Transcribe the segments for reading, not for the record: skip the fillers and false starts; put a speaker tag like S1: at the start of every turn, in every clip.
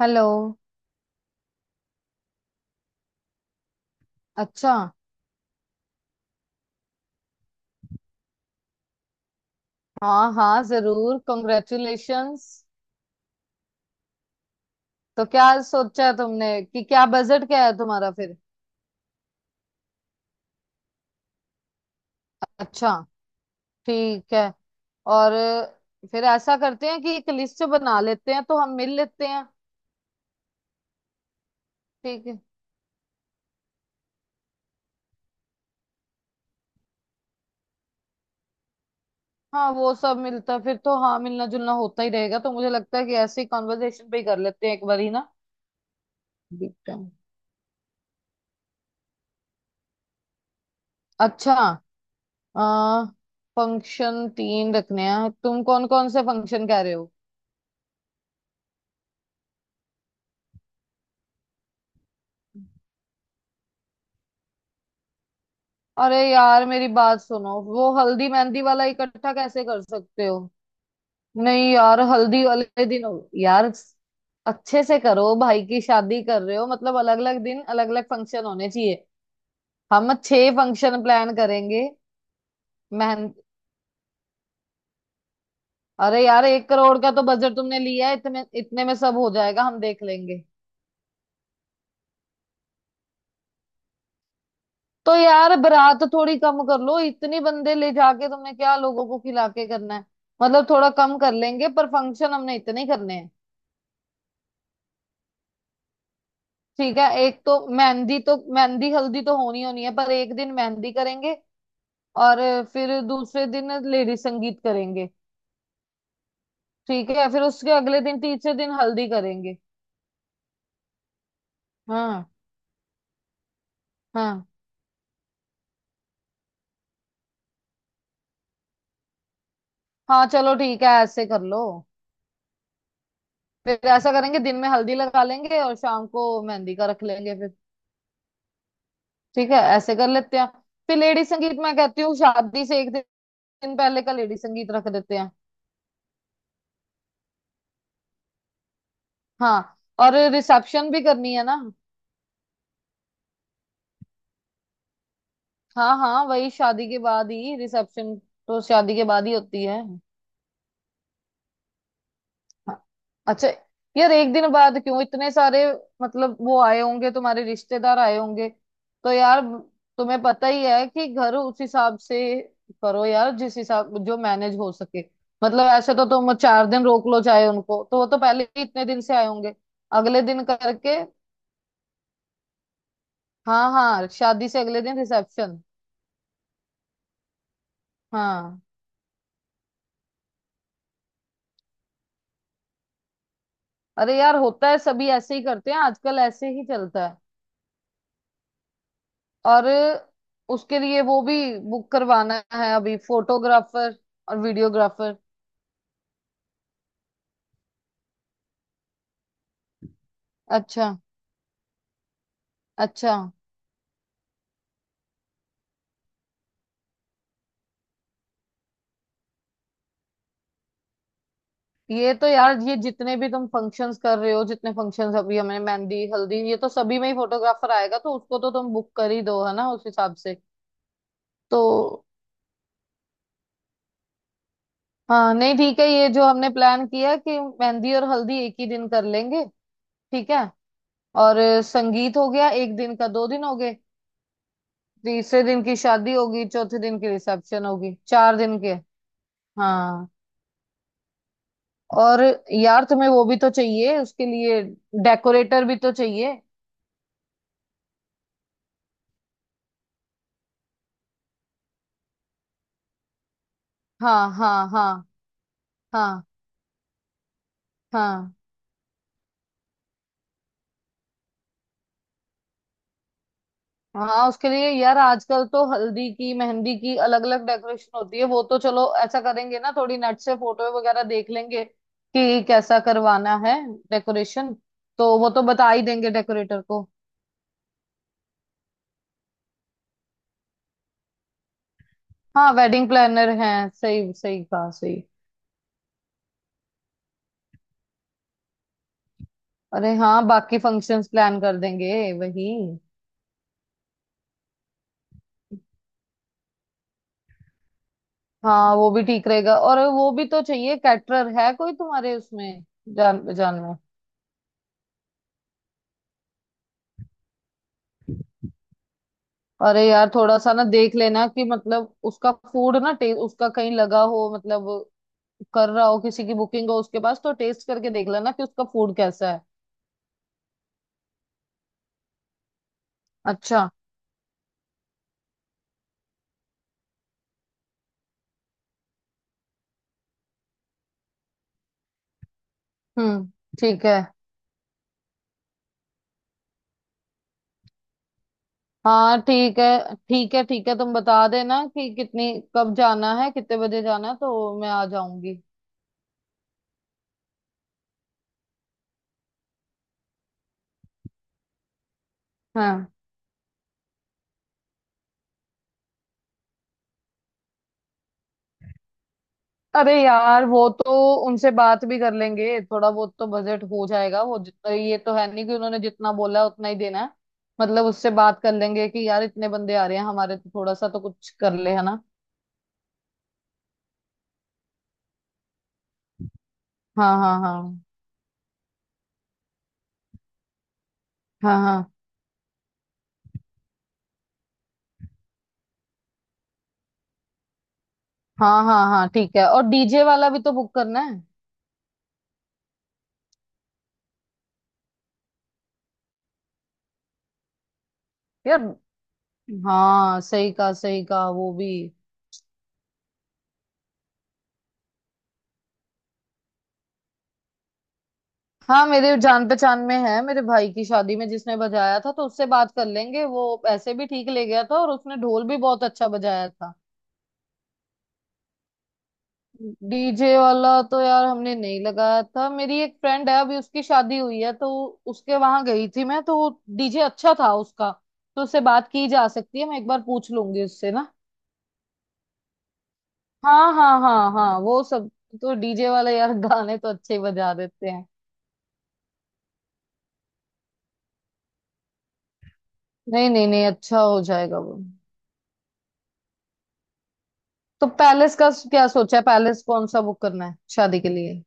S1: Hello. अच्छा। हाँ हाँ, जरूर। कॉन्ग्रेचुलेशंस। तो क्या सोचा है तुमने कि क्या बजट क्या है तुम्हारा फिर। अच्छा। ठीक है। और फिर ऐसा करते हैं कि एक लिस्ट बना लेते हैं तो हम मिल लेते हैं। ठीक है। हाँ, वो सब मिलता फिर तो, हाँ मिलना जुलना होता ही रहेगा, तो मुझे लगता है कि ऐसे ही कॉन्वर्जेशन पे ही कर लेते हैं एक बार ही ना। देखते हैं। अच्छा। आ फंक्शन तीन रखने हैं, तुम कौन कौन से फंक्शन कह रहे हो? अरे यार, मेरी बात सुनो, वो हल्दी मेहंदी वाला इकट्ठा कैसे कर सकते हो? नहीं यार, हल्दी वाले दिन यार अच्छे से करो, भाई की शादी कर रहे हो, मतलब अलग अलग दिन अलग अलग फंक्शन होने चाहिए। हम छह फंक्शन प्लान करेंगे। मेहंदी। अरे यार, 1 करोड़ का तो बजट तुमने लिया है, इतने इतने में सब हो जाएगा, हम देख लेंगे। तो यार बारात थोड़ी कम कर लो, इतनी बंदे ले जाके तुमने क्या लोगों को खिला के करना है? मतलब थोड़ा कम कर लेंगे, पर फंक्शन हमने इतने ही करने हैं। ठीक है, एक तो मेहंदी, तो मेहंदी हल्दी तो होनी होनी है, पर एक दिन मेहंदी करेंगे। और फिर दूसरे दिन लेडी संगीत करेंगे। ठीक है, फिर उसके अगले दिन तीसरे दिन हल्दी करेंगे। हाँ हाँ हाँ, चलो ठीक है, ऐसे कर लो। फिर ऐसा करेंगे, दिन में हल्दी लगा लेंगे और शाम को मेहंदी का रख लेंगे फिर। ठीक है, ऐसे कर लेते हैं। फिर लेडी संगीत मैं कहती हूँ शादी से एक दिन पहले का लेडी संगीत रख देते हैं। हाँ, और रिसेप्शन भी करनी है ना? हाँ हाँ, वही शादी के बाद ही रिसेप्शन, तो शादी के बाद ही होती है। हाँ। अच्छा। यार एक दिन बाद क्यों, इतने सारे, मतलब वो आए होंगे, तुम्हारे रिश्तेदार आए होंगे, तो यार तुम्हें पता ही है कि घर उस हिसाब से करो यार, जिस हिसाब जो मैनेज हो सके। मतलब ऐसे तो तुम 4 दिन रोक लो चाहे उनको, तो वो तो पहले ही इतने दिन से आए होंगे। अगले दिन करके, हाँ हाँ शादी से अगले दिन रिसेप्शन। हाँ। अरे यार होता है, सभी ऐसे ही करते हैं, आजकल ऐसे ही चलता है। और उसके लिए वो भी बुक करवाना है अभी, फोटोग्राफर और वीडियोग्राफर। अच्छा अच्छा। ये तो यार, ये जितने भी तुम फंक्शंस कर रहे हो, जितने फंक्शंस अभी हमें, मेहंदी हल्दी, ये तो सभी में ही फोटोग्राफर आएगा, तो उसको तो तुम बुक कर ही दो, है ना, उस हिसाब से। तो हाँ, नहीं ठीक है, ये जो हमने प्लान किया कि मेहंदी और हल्दी एक ही दिन कर लेंगे। ठीक है। और संगीत हो गया एक दिन का, 2 दिन हो गए। तीसरे दिन की शादी होगी, चौथे दिन की रिसेप्शन होगी, 4 दिन के। हाँ। और यार तुम्हें वो भी तो चाहिए उसके लिए, डेकोरेटर भी तो चाहिए। हाँ हाँ हाँ हाँ हाँ हाँ। उसके लिए यार, आजकल तो हल्दी की मेहंदी की अलग अलग डेकोरेशन होती है, वो तो चलो ऐसा करेंगे ना, थोड़ी नेट से फोटो वगैरह देख लेंगे कि कैसा करवाना है डेकोरेशन, तो वो तो बता ही देंगे डेकोरेटर को। हाँ, वेडिंग प्लानर हैं, सही सही कहा, सही। अरे हाँ, बाकी फंक्शंस प्लान कर देंगे वही। हाँ वो भी ठीक रहेगा, और वो भी तो चाहिए, कैटरर है कोई तुम्हारे उसमें जान जान में? अरे यार, थोड़ा सा ना देख लेना कि, मतलब उसका फूड ना टेस्ट, उसका कहीं लगा हो, मतलब कर रहा हो, किसी की बुकिंग हो उसके पास, तो टेस्ट करके देख लेना कि उसका फूड कैसा है। अच्छा। हम्म, ठीक है। हाँ ठीक है ठीक है ठीक है, तुम बता देना कि कितनी, कब जाना है, कितने बजे जाना है, तो मैं आ जाऊंगी। हाँ। अरे यार, वो तो उनसे बात भी कर लेंगे, थोड़ा बहुत तो बजट हो जाएगा वो जितना, ये तो है नहीं कि उन्होंने जितना बोला है उतना ही देना है। मतलब उससे बात कर लेंगे कि यार इतने बंदे आ रहे हैं हमारे, तो थोड़ा सा तो कुछ कर ले, है ना? हाँ हाँ हाँ हाँ हाँ हाँ हाँ हाँ, ठीक है, और डीजे वाला भी तो बुक करना है। यार हाँ, सही कहा सही कहा, वो भी। हाँ, मेरे जान पहचान में है, मेरे भाई की शादी में जिसने बजाया था, तो उससे बात कर लेंगे, वो ऐसे भी ठीक ले गया था और उसने ढोल भी बहुत अच्छा बजाया था। डीजे वाला तो यार हमने नहीं लगाया था, मेरी एक फ्रेंड है, अभी उसकी शादी हुई है, तो उसके वहां गई थी मैं, तो डीजे अच्छा था उसका, तो उससे बात की जा सकती है, मैं एक बार पूछ लूंगी उससे ना। हाँ हाँ हाँ हाँ, वो सब, तो डीजे वाले यार गाने तो अच्छे ही बजा देते हैं। नहीं नहीं नहीं, अच्छा हो जाएगा वो। तो पैलेस का क्या सोचा है, पैलेस कौन सा बुक करना है शादी के लिए?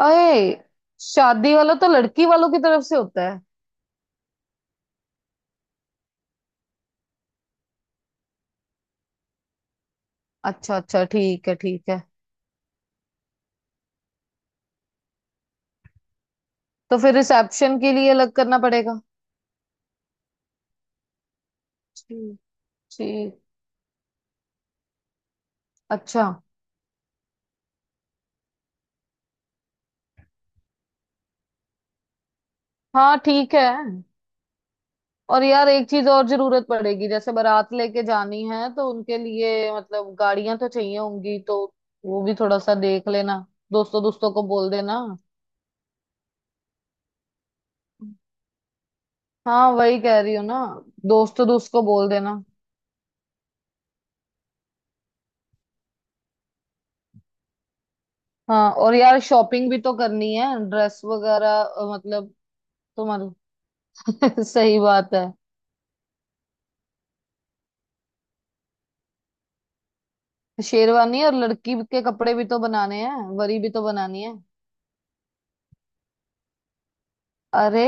S1: अरे, शादी वाला तो लड़की वालों की तरफ से होता है। अच्छा अच्छा, ठीक है ठीक है। तो फिर रिसेप्शन के लिए अलग करना पड़ेगा। जी। ठीक। अच्छा। हाँ ठीक है। और यार एक चीज और जरूरत पड़ेगी, जैसे बारात लेके जानी है, तो उनके लिए मतलब गाड़ियां तो चाहिए होंगी, तो वो भी थोड़ा सा देख लेना। दोस्तों दोस्तों को बोल देना। हाँ वही कह रही हूँ ना। दोस्तों दोस्त को बोल देना। हाँ और यार, शॉपिंग भी तो करनी है, ड्रेस वगैरह, मतलब तुम्हारी। सही बात है। शेरवानी और लड़की के कपड़े भी तो बनाने हैं, वरी भी तो बनानी है। अरे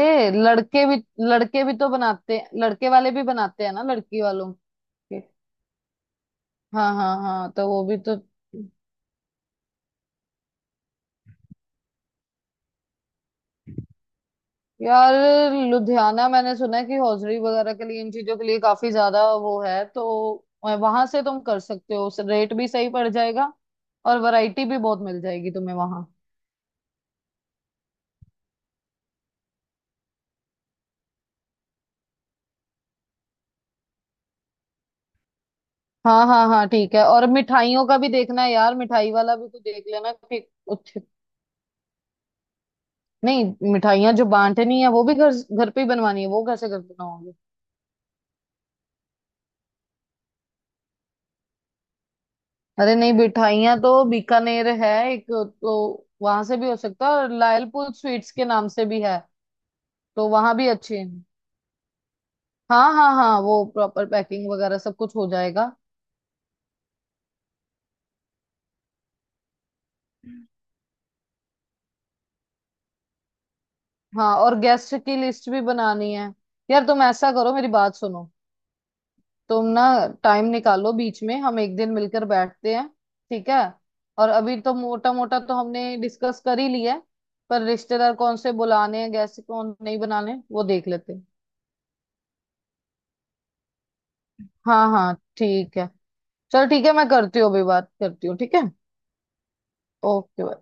S1: लड़के भी, लड़के भी तो बनाते हैं, लड़के वाले भी बनाते हैं ना लड़की वालों के। हाँ हाँ हाँ तो वो भी तो। यार लुधियाना, मैंने सुना है कि हौजरी वगैरह के लिए, इन चीजों के लिए काफी ज्यादा वो है, तो वहां से तुम कर सकते हो, रेट भी सही पड़ जाएगा और वैरायटी भी बहुत मिल जाएगी तुम्हें वहां। हाँ हाँ हाँ ठीक है, और मिठाइयों का भी देखना है यार, मिठाई वाला भी कुछ देख लेना कि, कुछ नहीं। मिठाइयाँ जो बांटनी है वो भी घर घर पे ही बनवानी है, वो कैसे कर देना। अरे नहीं, मिठाइयाँ तो बीकानेर है एक, तो वहां से भी हो सकता है, और लायलपुर स्वीट्स के नाम से भी है, तो वहां भी अच्छे हैं। हाँ हाँ हाँ, वो प्रॉपर पैकिंग वगैरह सब कुछ हो जाएगा। हाँ, और गेस्ट की लिस्ट भी बनानी है, यार तुम ऐसा करो, मेरी बात सुनो, तुम ना टाइम निकालो बीच में, हम एक दिन मिलकर बैठते हैं। ठीक है। और अभी तो मोटा मोटा तो हमने डिस्कस कर ही लिया है, पर रिश्तेदार कौन से बुलाने हैं, गेस्ट कौन नहीं बनाने, वो देख लेते हैं। हाँ हाँ ठीक है। चल ठीक है, मैं करती हूँ अभी, बात करती हूँ, ठीक है। ओके।